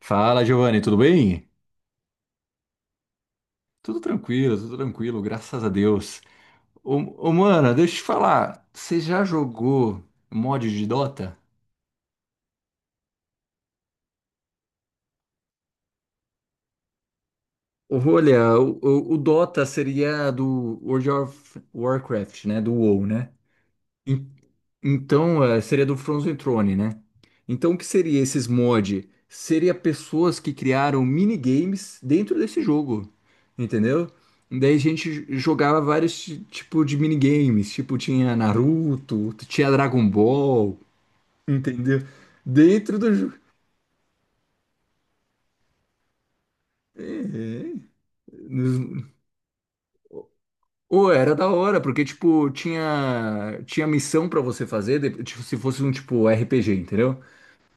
Fala, Giovanni, tudo bem? Tudo tranquilo, graças a Deus. Ô, ô, mano, deixa eu te falar, você já jogou mod de Dota? Olha, o Dota seria do World of Warcraft, né? Do WoW, né? En- Então, seria do Frozen Throne, né? Então, o que seria esses mod? Seria pessoas que criaram minigames dentro desse jogo, entendeu? Daí a gente jogava vários tipos de minigames, tipo tinha Naruto, tinha Dragon Ball, entendeu? Dentro do jogo. Ou era da hora, porque tipo tinha missão pra você fazer, tipo, se fosse um tipo RPG, entendeu?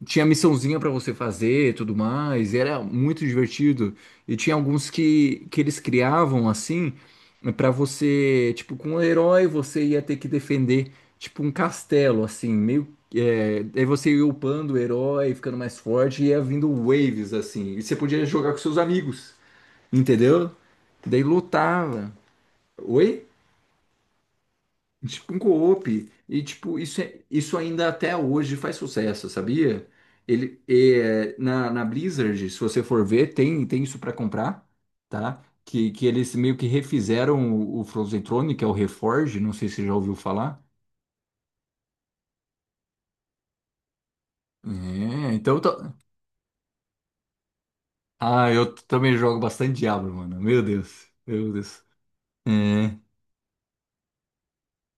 Tinha missãozinha pra você fazer, e tudo mais, e era muito divertido. E tinha alguns que eles criavam assim, pra você, tipo, com um herói você ia ter que defender, tipo, um castelo assim, meio aí você ia upando o herói, ficando mais forte, e ia vindo waves assim, e você podia jogar com seus amigos, entendeu? Daí lutava. Oi? Tipo um co-op. E, tipo, isso, isso ainda até hoje faz sucesso, sabia? Ele, na Blizzard, se você for ver, tem isso para comprar, tá? Que eles meio que refizeram o Frozen Throne, que é o Reforge, não sei se você já ouviu falar. É, então... eu Ah, também jogo bastante Diablo, mano. Meu Deus, meu Deus. É.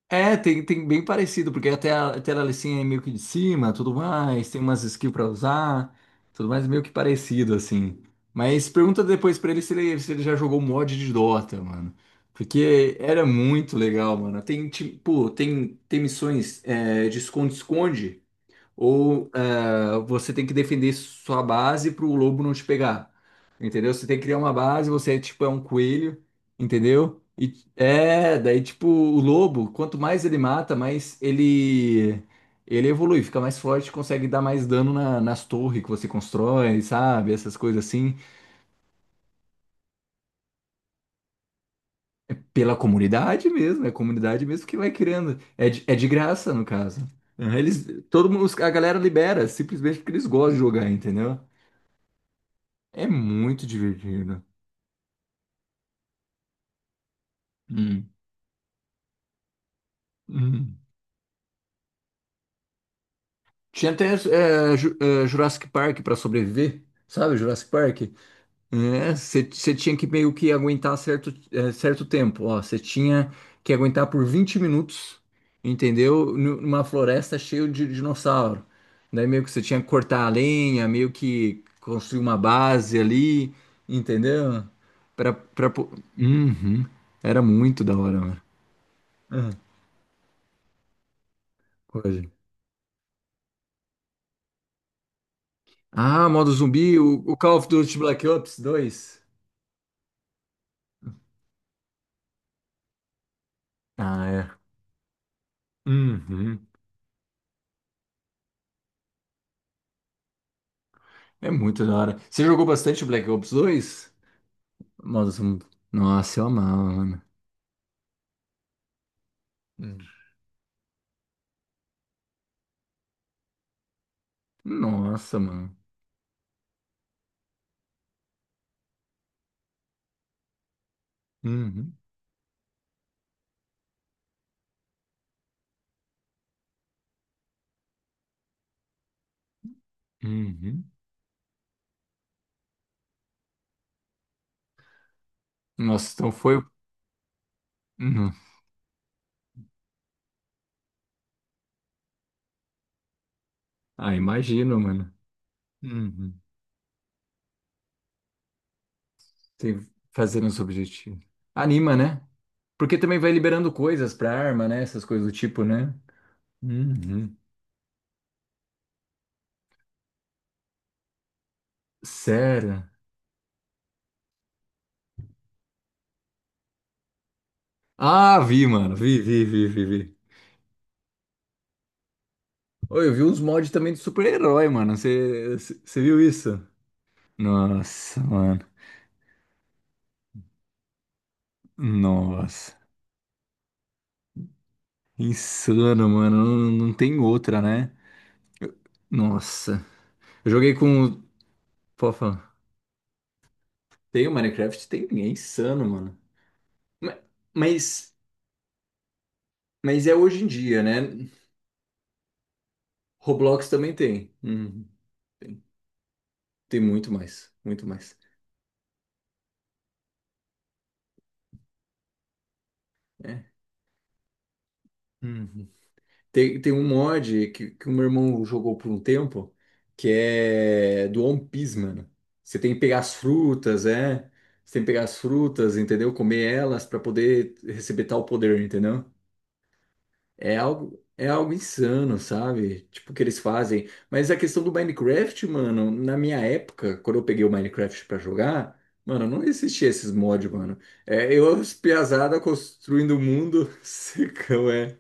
É, tem bem parecido, porque até a Alicinha é meio que de cima, tudo mais, tem umas skills pra usar, tudo mais meio que parecido, assim. Mas pergunta depois pra ele, se ele já jogou mod de Dota, mano. Porque era muito legal, mano. Tem, tipo, tem missões de esconde-esconde ou você tem que defender sua base para o lobo não te pegar, entendeu? Você tem que criar uma base, você é tipo um coelho, entendeu? E daí tipo o lobo, quanto mais ele mata, mais ele evolui, fica mais forte, consegue dar mais dano nas torres que você constrói, sabe? Essas coisas assim, pela comunidade mesmo, é a comunidade mesmo que vai criando, é de graça no caso. Aham, eles, todo mundo, a galera libera, simplesmente porque eles gostam de jogar, entendeu? É muito divertido. Hum, hum. Tinha até Jurassic Park para sobreviver, sabe? Jurassic Park. Você tinha que meio que aguentar certo tempo. Ó, você tinha que aguentar por 20 minutos, entendeu? Numa floresta cheia de dinossauro. Daí meio que você tinha que cortar a lenha, meio que construir uma base ali, entendeu? Pra, pra... po- Uhum. Era muito da hora, mano. Ah, pode. Ah, modo zumbi, o Call of Duty Black Ops 2. Ah, é. Uhum. É muito da hora. Você jogou bastante Black Ops 2? Modo zumbi. Nossa, eu amava, mano. Hum. Nossa, mano. Uhum. Uhum. Nossa, então foi. Uhum. Ah, imagino, mano. Uhum. Tem- Fazendo os objetivos. Anima, né? Porque também vai liberando coisas pra arma, né? Essas coisas do tipo, né? Uhum. Sério? Ah, vi, mano. Vi, vi, vi, vi, vi. Oi, eu vi uns mods também de super-herói, mano. Você viu isso? Nossa, mano. Nossa. Insano, mano. Não, não tem outra, né? Nossa. Eu joguei com. Pô, fala. Tem o Minecraft? Tem. É insano, mano. Ma- Mas, mas é hoje em dia, né? Roblox também tem. Uhum. Tem muito mais. Muito mais. É. Uhum. Tem um mod que o meu irmão jogou por um tempo, que é do One Piece, mano. Você tem que pegar as frutas, é? Você tem que pegar as frutas, entendeu? Comer elas para poder receber tal poder, entendeu? É algo insano, sabe? Tipo, o que eles fazem. Mas a questão do Minecraft, mano, na minha época, quando eu peguei o Minecraft para jogar, mano, não existia esses mods, mano. É, as piazada construindo o mundo, secão.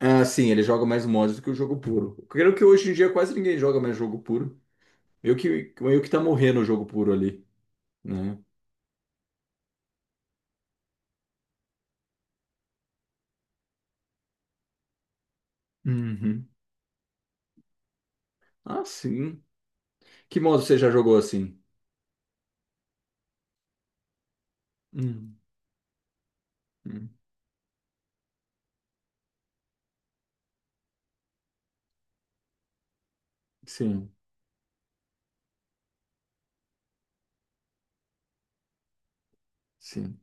Ah, sim, ele joga mais mods do que o jogo puro. Creio que hoje em dia quase ninguém joga mais jogo puro. Eu que tá morrendo o jogo puro ali, né? Uhum. Ah, sim. Que modo você já jogou assim? Hum, hum. Sim, sim.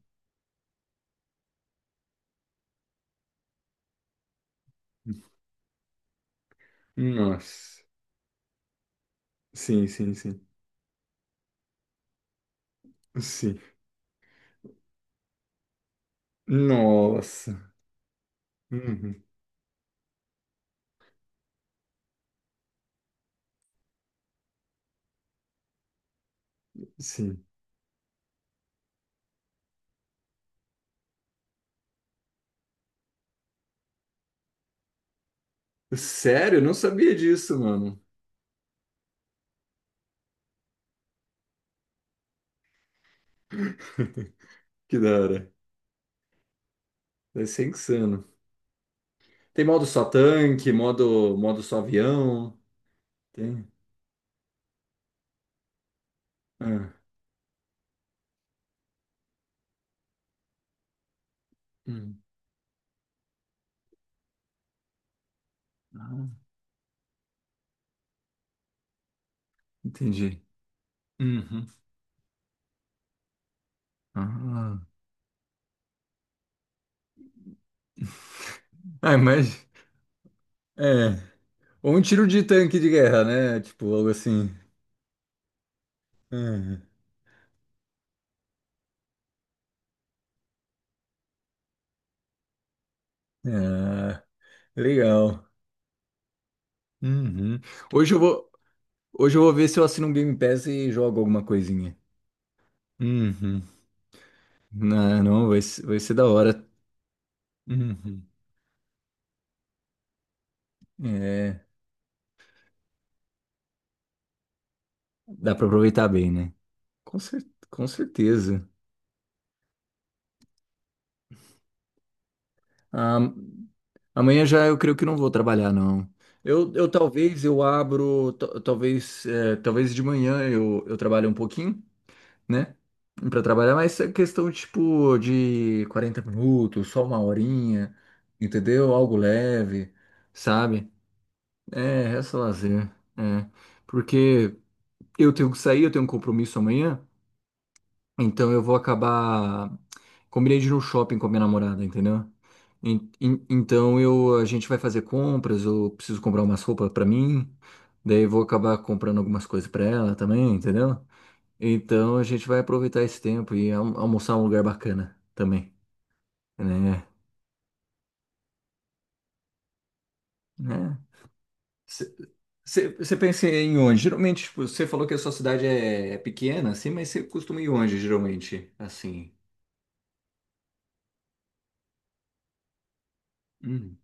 Nossa. Sim, sim, sim. Sim. Nossa. Uhum. Sim. Sério? Eu não sabia disso, mano. Que da hora. Vai ser insano. Tem modo só tanque, modo só avião. Tem. Ah. Hum. Entendi. Uhum. Ah, Ah, mas. É. Ou um tiro de tanque de guerra, né? Tipo, algo assim. Uhum. Ah, legal. Uhum. Hoje eu vou, hoje eu vou ver se eu assino um Game Pass e jogo alguma coisinha. Uhum. Não, não, vai ser da hora. Uhum. É, dá pra aproveitar bem, né? Com certeza. Ah, amanhã já eu creio que não vou trabalhar, não. Eu talvez talvez de manhã eu trabalho um pouquinho, né? Pra trabalhar, mas é questão tipo de 40 minutos, só uma horinha, entendeu? Algo leve, sabe? É, resta lazer. É. Porque eu tenho que sair, eu tenho um compromisso amanhã. Então eu vou acabar. Combinei de ir no shopping com a minha namorada, entendeu? Então, a gente vai fazer compras, eu preciso comprar umas roupas pra mim, daí eu vou acabar comprando algumas coisas pra ela também, entendeu? Então a gente vai aproveitar esse tempo e almoçar em um lugar bacana também, né? Né? Você pensa em onde? Geralmente, tipo, você falou que a sua cidade é pequena, assim, mas você costuma ir onde, geralmente? Assim. Hum,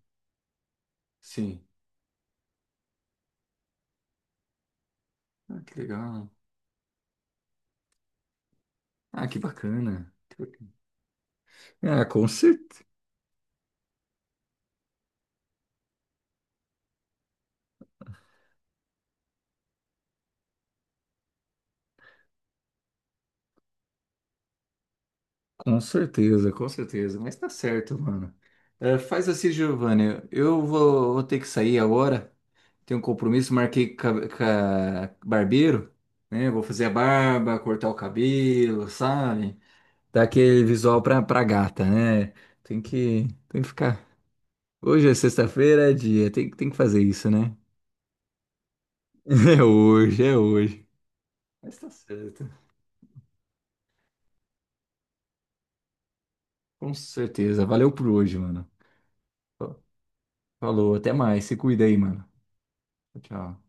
sim. Ah, que legal. Ah, que bacana. Que bacana. Ah, com certeza, com certeza. Mas tá certo, mano. É, faz assim, Giovanni. Eu vou ter que sair agora. Tenho um compromisso, marquei com barbeiro, né? Vou fazer a barba, cortar o cabelo, sabe? Dar aquele visual pra, gata, né? Tem que ficar. Hoje é sexta-feira, é dia. Tem que fazer isso, né? É hoje, é hoje. Mas tá certo. Com certeza. Valeu por hoje, mano. Falou, até mais. Se cuida aí, mano. Tchau.